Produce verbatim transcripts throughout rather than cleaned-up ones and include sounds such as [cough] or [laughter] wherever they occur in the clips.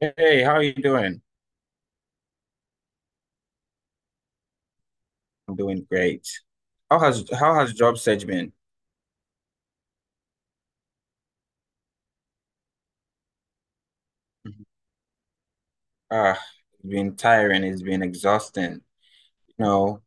Hey, how are you doing? I'm doing great. How has how has job search been? Ah, it's been tiring, it's been exhausting. You know,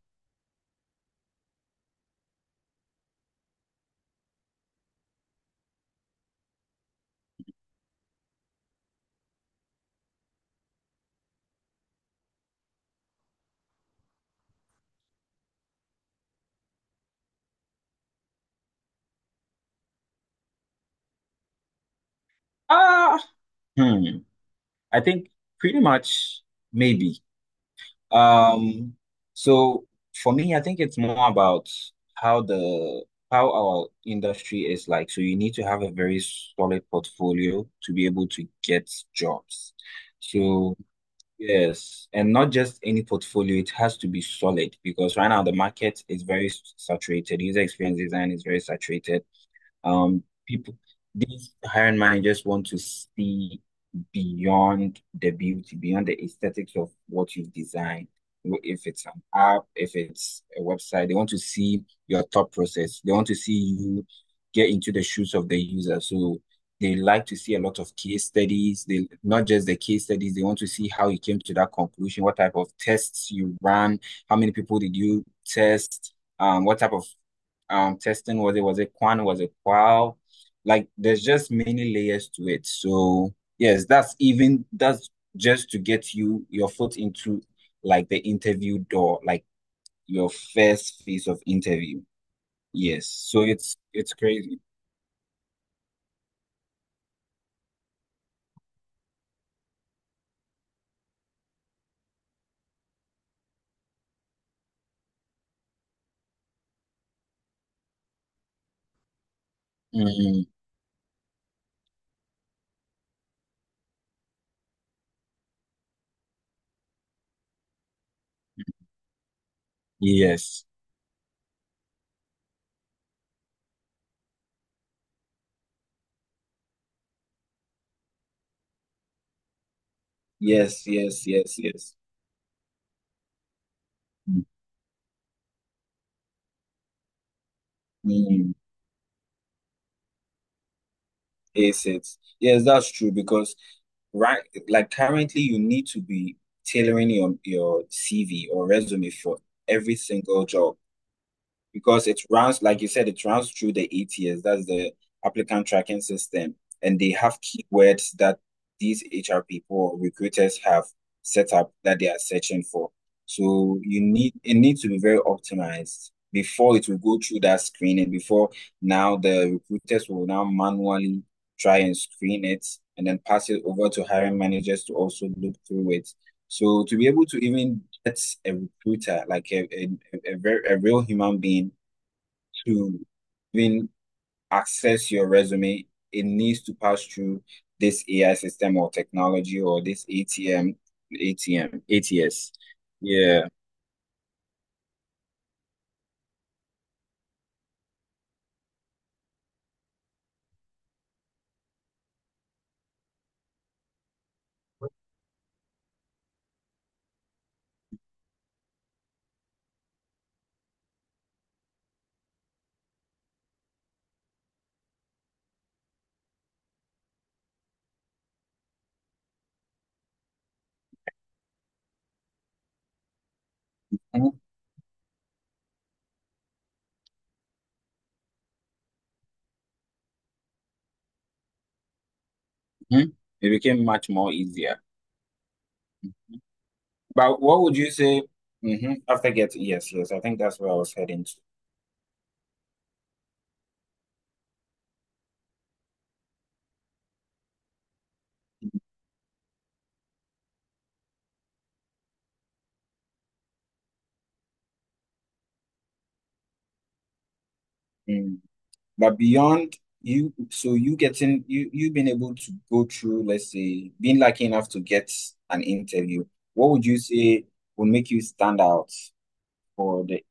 ah, hmm. I think pretty much maybe. Um, so for me, I think it's more about how the how our industry is like. So you need to have a very solid portfolio to be able to get jobs. So. Yes, and not just any portfolio, it has to be solid because right now the market is very s- saturated. User experience design is very saturated. Um, people, these hiring managers want to see beyond the beauty, beyond the aesthetics of what you've designed. If it's an app, if it's a website, they want to see your thought process. They want to see you get into the shoes of the user. So they like to see a lot of case studies. They not just the case studies, they want to see how you came to that conclusion, what type of tests you ran, how many people did you test, um, what type of um testing was it? Was it Quan? Was it Qual? Like there's just many layers to it. So yes, that's even that's just to get you your foot into like the interview door, like your first phase of interview. Yes. So it's it's crazy. Mm, yes. Yes, yes, yes, yes. Mm, yes, it's yes, that's true because right, like currently you need to be tailoring your your C V or resume for every single job because it runs, like you said, it runs through the A T S, that's the applicant tracking system, and they have keywords that these H R people or recruiters have set up that they are searching for. So you need it needs to be very optimized before it will go through that screening. Before now, the recruiters will now manually try and screen it and then pass it over to hiring managers to also look through it, so to be able to even get a recruiter, like a a, a, very, a real human being, to even access your resume, it needs to pass through this A I system or technology or this A T M, A T M, A T S. Yeah. Mhm. It became much more easier. But what would you say? Hmm. After getting, yes, yes, I think that's where I was heading to. Mm-hmm. But beyond you, so you getting you you being able to go through, let's say, being lucky enough to get an interview, what would you say would make you stand out for the?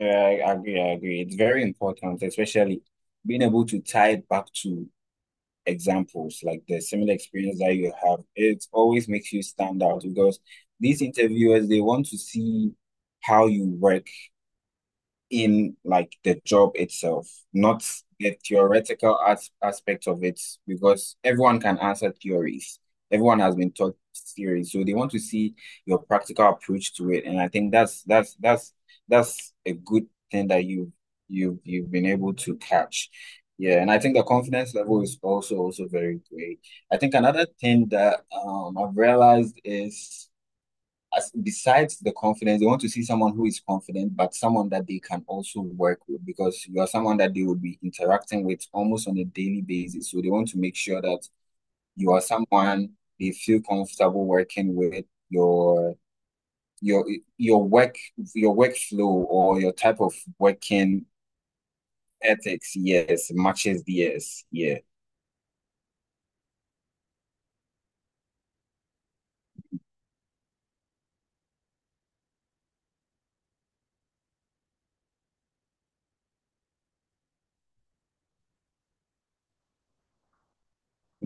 Uh, I agree, I agree. It's very important, especially being able to tie it back to examples like the similar experience that you have. It always makes you stand out because these interviewers they want to see how you work in like the job itself, not the theoretical as aspect of it, because everyone can answer theories. Everyone has been taught theories, so they want to see your practical approach to it. And I think that's that's that's that's a good thing that you you you've been able to catch. Yeah, and I think the confidence level is also also very great. I think another thing that um, I've realized is as besides the confidence, they want to see someone who is confident, but someone that they can also work with because you are someone that they will be interacting with almost on a daily basis. So they want to make sure that you are someone they feel comfortable working with. Your your your work your workflow or your type of working ethics, yes, matches theirs. Yeah.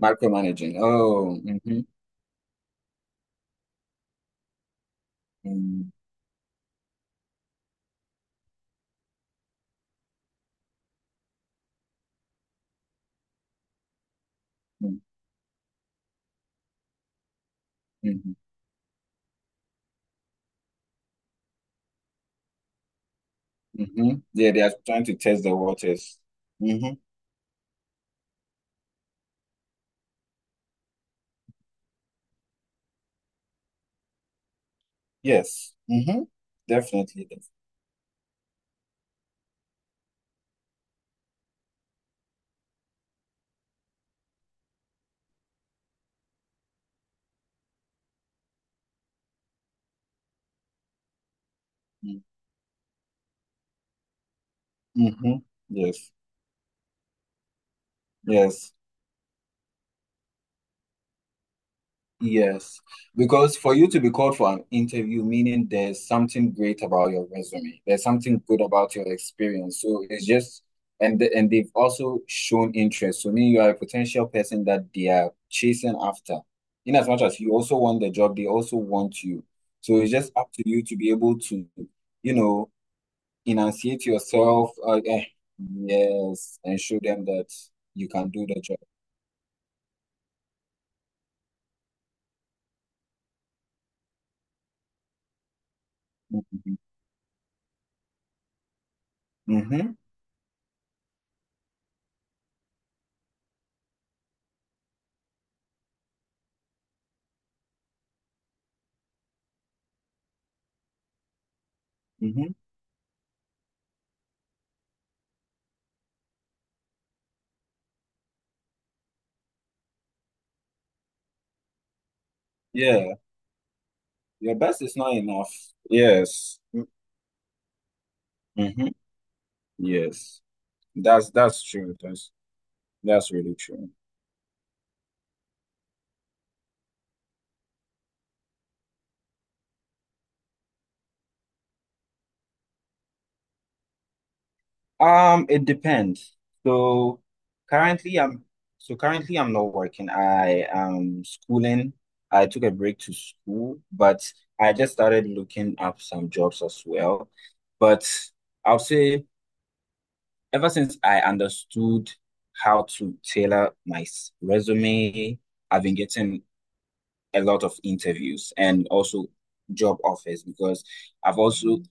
Micromanaging. Oh, mm-hmm, mm-hmm, mm-hmm, mm-hmm. Yeah, they are trying to test the waters. Mm-hmm. Yes. Mm-hmm. Definitely. Mm-hmm. Yes. Yes. Yes. Because for you to be called for an interview, meaning there's something great about your resume. There's something good about your experience. So it's just and the- and they've also shown interest. So meaning you are a potential person that they are chasing after. In as much as you also want the job, they also want you. So it's just up to you to be able to, you know, enunciate yourself. Uh, eh, yes, and show them that you can do the job. Mm-hmm. Mm-hmm. Mm-hmm. Yeah, your best is not enough. Yes. Mm-hmm. Yes, that's that's true. That's that's really true. Um, it depends. So currently, I'm so currently I'm not working. I am schooling. I took a break to school, but I just started looking up some jobs as well. But I'll say ever since I understood how to tailor my s- resume, I've been getting a lot of interviews and also job offers because I've also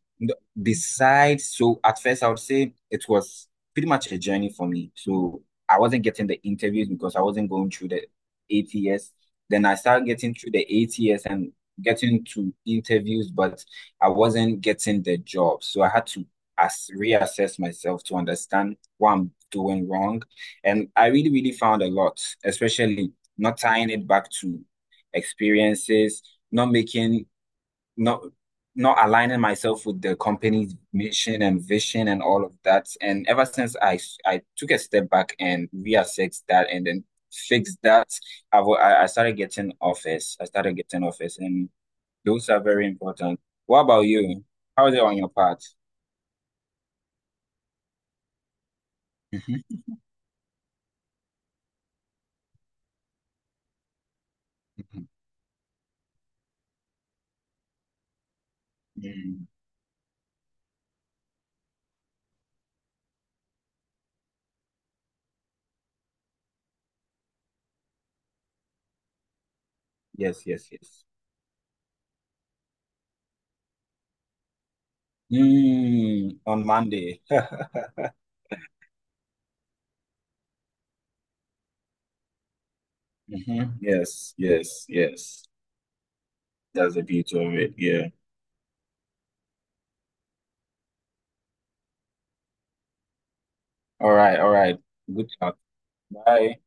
besides so at first I would say it was pretty much a journey for me. So I wasn't getting the interviews because I wasn't going through the A T S. Then I started getting through the A T S and getting to interviews, but I wasn't getting the job. So I had to as reassess myself to understand what I'm doing wrong. And I really, really found a lot, especially not tying it back to experiences, not making, not not aligning myself with the company's mission and vision and all of that. And ever since I I took a step back and reassessed that and then fixed that, I I started getting offers. I started getting offers, and those are very important. What about you? How is it on your part? [laughs] Mm, yes, yes, yes. Mm, on Monday. [laughs] Mhm. Yes, yes, yes. That's the beauty of it. Yeah. All right, all right. Good talk. Bye.